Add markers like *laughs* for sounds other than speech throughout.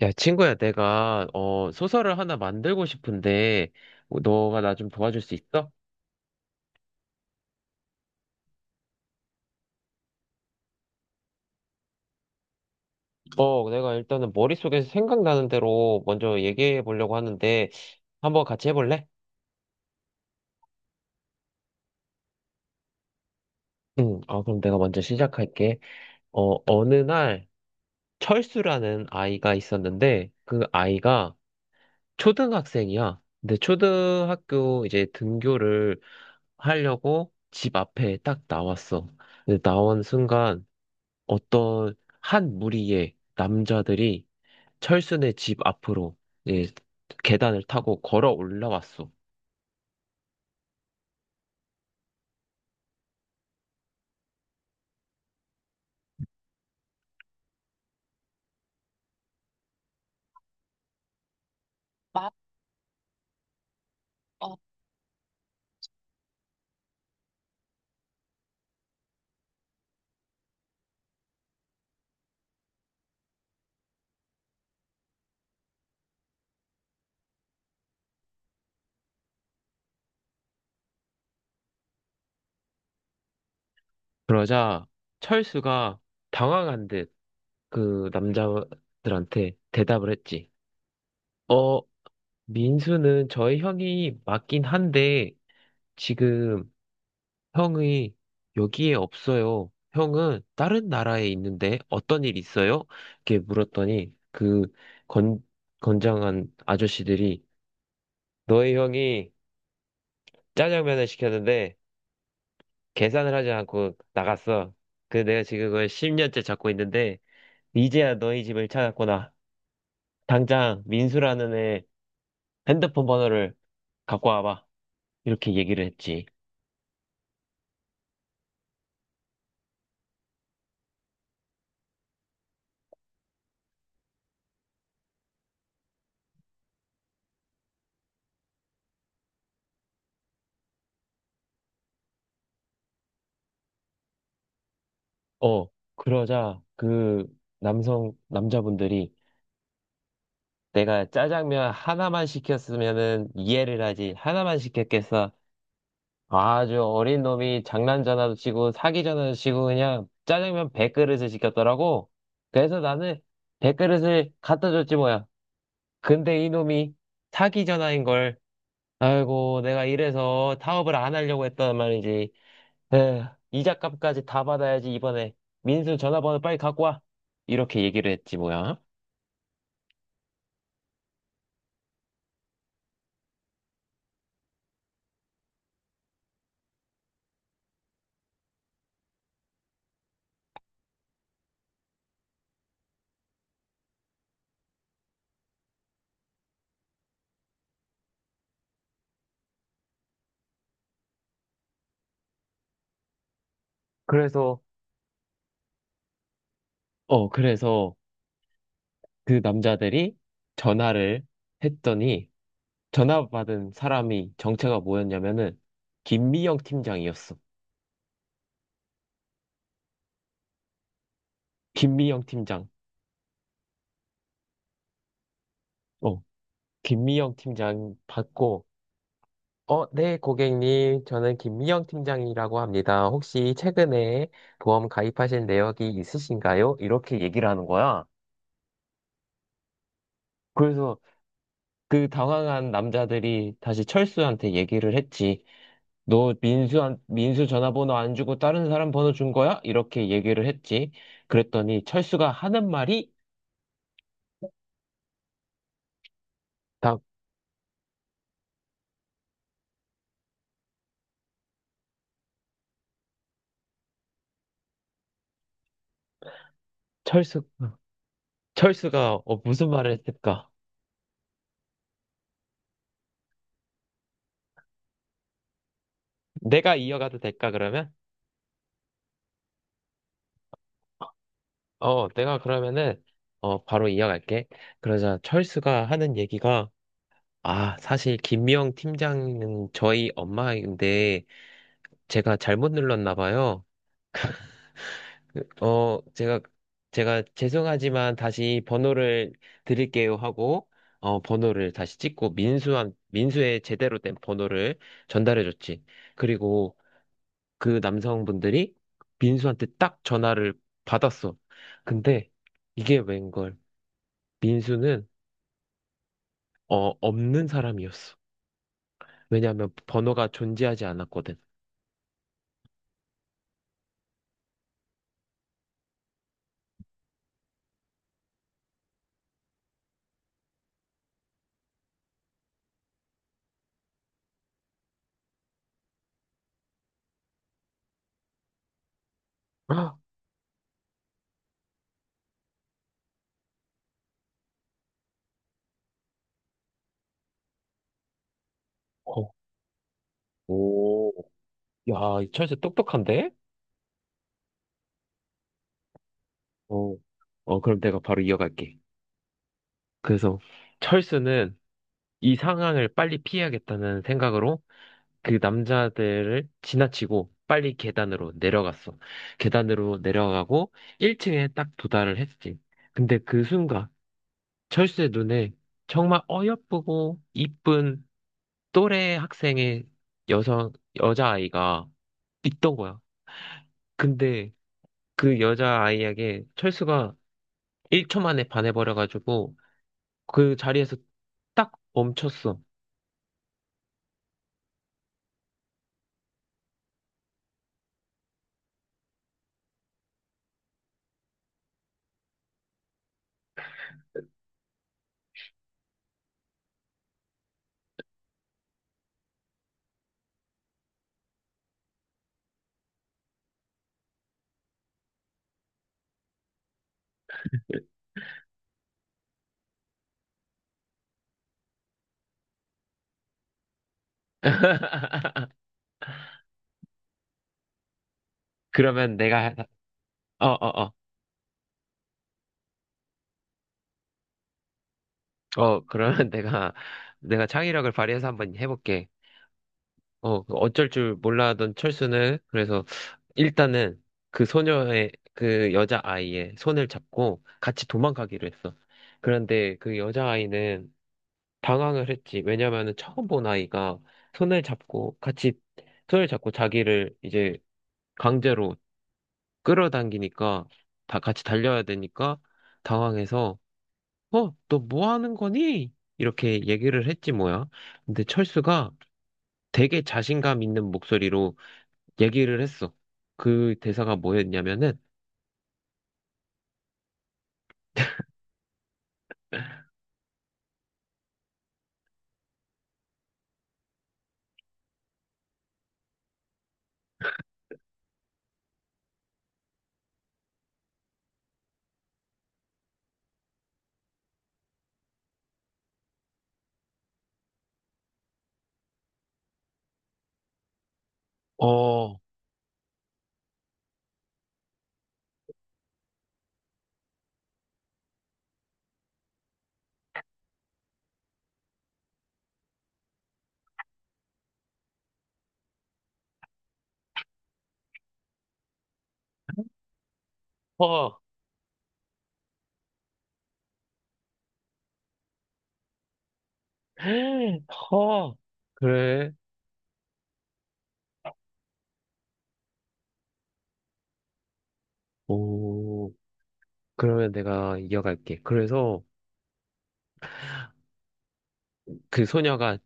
야, 친구야, 내가, 소설을 하나 만들고 싶은데, 뭐, 너가 나 좀 도와줄 수 있어? 내가 일단은 머릿속에서 생각나는 대로 먼저 얘기해 보려고 하는데, 한번 같이 해볼래? 응, 그럼 내가 먼저 시작할게. 어느 날, 철수라는 아이가 있었는데, 그 아이가 초등학생이야. 근데 초등학교 이제 등교를 하려고 집 앞에 딱 나왔어. 근데 나온 순간, 어떤 한 무리의 남자들이 철순의 집 앞으로 이제 계단을 타고 걸어 올라왔어. 그러자 철수가 당황한 듯 그 남자들한테 대답을 했지. 어, 민수는 저의 형이 맞긴 한데 지금 형이 여기에 없어요. 형은 다른 나라에 있는데 어떤 일 있어요? 이렇게 물었더니 그 건, 건장한 아저씨들이 너의 형이 짜장면을 시켰는데 계산을 하지 않고 나갔어. 그 내가 지금 그걸 10년째 잡고 있는데 이제야 너희 집을 찾았구나. 당장 민수라는 애 핸드폰 번호를 갖고 와봐. 이렇게 얘기를 했지. 어, 그러자 그 남자분들이 내가 짜장면 하나만 시켰으면은 이해를 하지. 하나만 시켰겠어. 아주 어린 놈이 장난 전화도 치고 사기 전화도 치고 그냥 짜장면 100그릇을 시켰더라고. 그래서 나는 100그릇을 갖다 줬지 뭐야. 근데 이놈이 사기 전화인 걸. 아이고, 내가 이래서 타업을 안 하려고 했단 말이지. 에휴, 이자값까지 다 받아야지 이번에. 민수 전화번호 빨리 갖고 와. 이렇게 얘기를 했지 뭐야. 그래서 그래서 그 남자들이 전화를 했더니 전화받은 사람이 정체가 뭐였냐면은 김미영 팀장이었어. 김미영 팀장. 어, 김미영 팀장 받고 네, 고객님. 저는 김미영 팀장이라고 합니다. 혹시 최근에 보험 가입하신 내역이 있으신가요? 이렇게 얘기를 하는 거야. 그래서 그 당황한 남자들이 다시 철수한테 얘기를 했지. 너 민수 전화번호 안 주고 다른 사람 번호 준 거야? 이렇게 얘기를 했지. 그랬더니 철수가 하는 말이 다 철수 철수가 무슨 말을 했을까? 내가 이어가도 될까 그러면? 내가 그러면은 바로 이어갈게. 그러자 철수가 하는 얘기가 아, 사실 김미영 팀장은 저희 엄마인데 제가 잘못 눌렀나 봐요. 그, 어, 제가 제가 죄송하지만 다시 번호를 드릴게요 하고 번호를 다시 찍고 민수한 민수의 제대로 된 번호를 전달해 줬지. 그리고 그 남성분들이 민수한테 딱 전화를 받았어. 근데 이게 웬걸. 민수는 없는 사람이었어. 왜냐하면 번호가 존재하지 않았거든. 아, 어, 오, 야, 이 철수 똑똑한데? 어, 그럼 내가 바로 이어갈게. 그래서 철수는 이 상황을 빨리 피해야겠다는 생각으로 그 남자들을 지나치고 빨리 계단으로 내려갔어. 계단으로 내려가고 1층에 딱 도달을 했지. 근데 그 순간 철수의 눈에 정말 어여쁘고 이쁜 또래 학생의 여성, 여자아이가 있던 거야. 근데 그 여자아이에게 철수가 1초 만에 반해버려가지고 그 자리에서 딱 멈췄어. *laughs* 그러면 내가, 어어어. 그러면 *laughs* 내가 창의력을 발휘해서 한번 해볼게. 그 어쩔 줄 몰라하던 철수는, 그래서 일단은 그 여자아이의 손을 잡고 같이 도망가기로 했어. 그런데 그 여자아이는 당황을 했지. 왜냐면은 처음 본 아이가 손을 잡고 같이, 손을 잡고 자기를 이제 강제로 끌어당기니까 다 같이 달려야 되니까 당황해서 너 뭐 하는 거니? 이렇게 얘기를 했지 뭐야. 근데 철수가 되게 자신감 있는 목소리로 얘기를 했어. 그 대사가 뭐였냐면은, 어, 허, *laughs* 허, *gasps* 그래, 오, 그러면 내가 이어갈게. 그래서 그 소녀가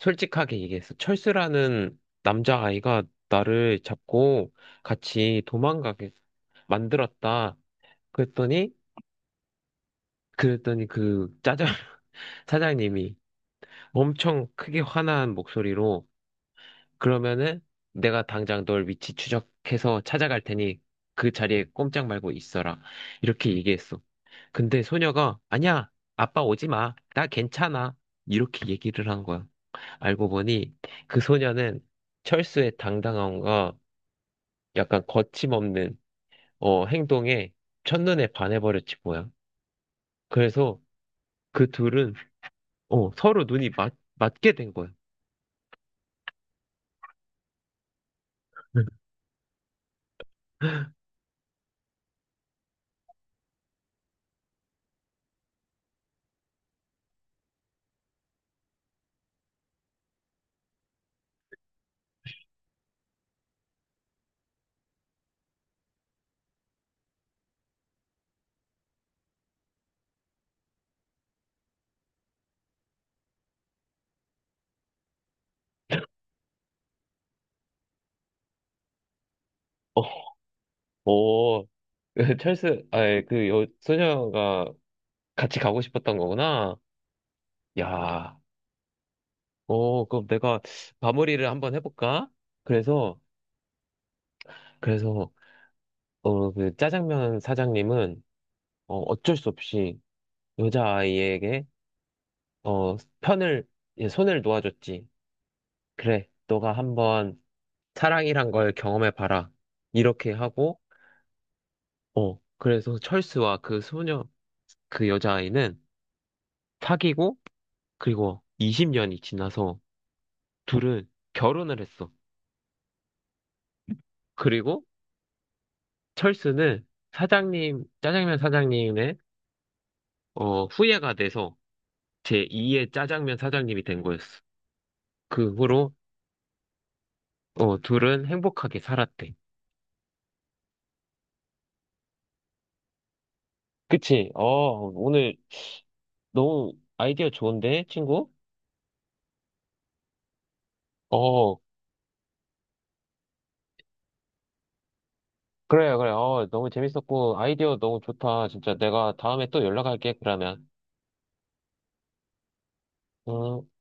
솔직하게 얘기했어. 철수라는 남자아이가 나를 잡고 같이 도망가게 만들었다. 그랬더니, 그랬더니 그 짜장 사장님이 엄청 크게 화난 목소리로 그러면은 내가 당장 널 위치 추적해서 찾아갈 테니 그 자리에 꼼짝 말고 있어라. 이렇게 얘기했어. 근데 소녀가 아니야, 아빠 오지 마. 나 괜찮아. 이렇게 얘기를 한 거야. 알고 보니 그 소녀는 철수의 당당함과 약간 거침없는 행동에 첫눈에 반해버렸지 뭐야. 그래서 그 둘은 서로 눈이 맞게 된 거야. *laughs* 어, 오, *laughs* 찰스, 아 소녀가 같이 가고 싶었던 거구나. 야, 오, 그럼 내가 마무리를 한번 해볼까? 그래서, 그래서, 그 짜장면 사장님은, 어쩔 수 없이 여자아이에게, 어, 편을, 예, 손을 놓아줬지. 그래, 너가 한번 사랑이란 걸 경험해봐라. 이렇게 하고, 그래서 철수와 그 여자아이는 사귀고, 그리고 20년이 지나서 둘은 결혼을 했어. 그리고 철수는 짜장면 사장님의 후예가 돼서 제2의 짜장면 사장님이 된 거였어. 그 후로 둘은 행복하게 살았대. 그치? 오늘 너무 아이디어 좋은데, 친구? 어, 그래, 그래. 너무 재밌었고, 아이디어 너무 좋다. 진짜 내가 다음에 또 연락할게, 그러면. 어.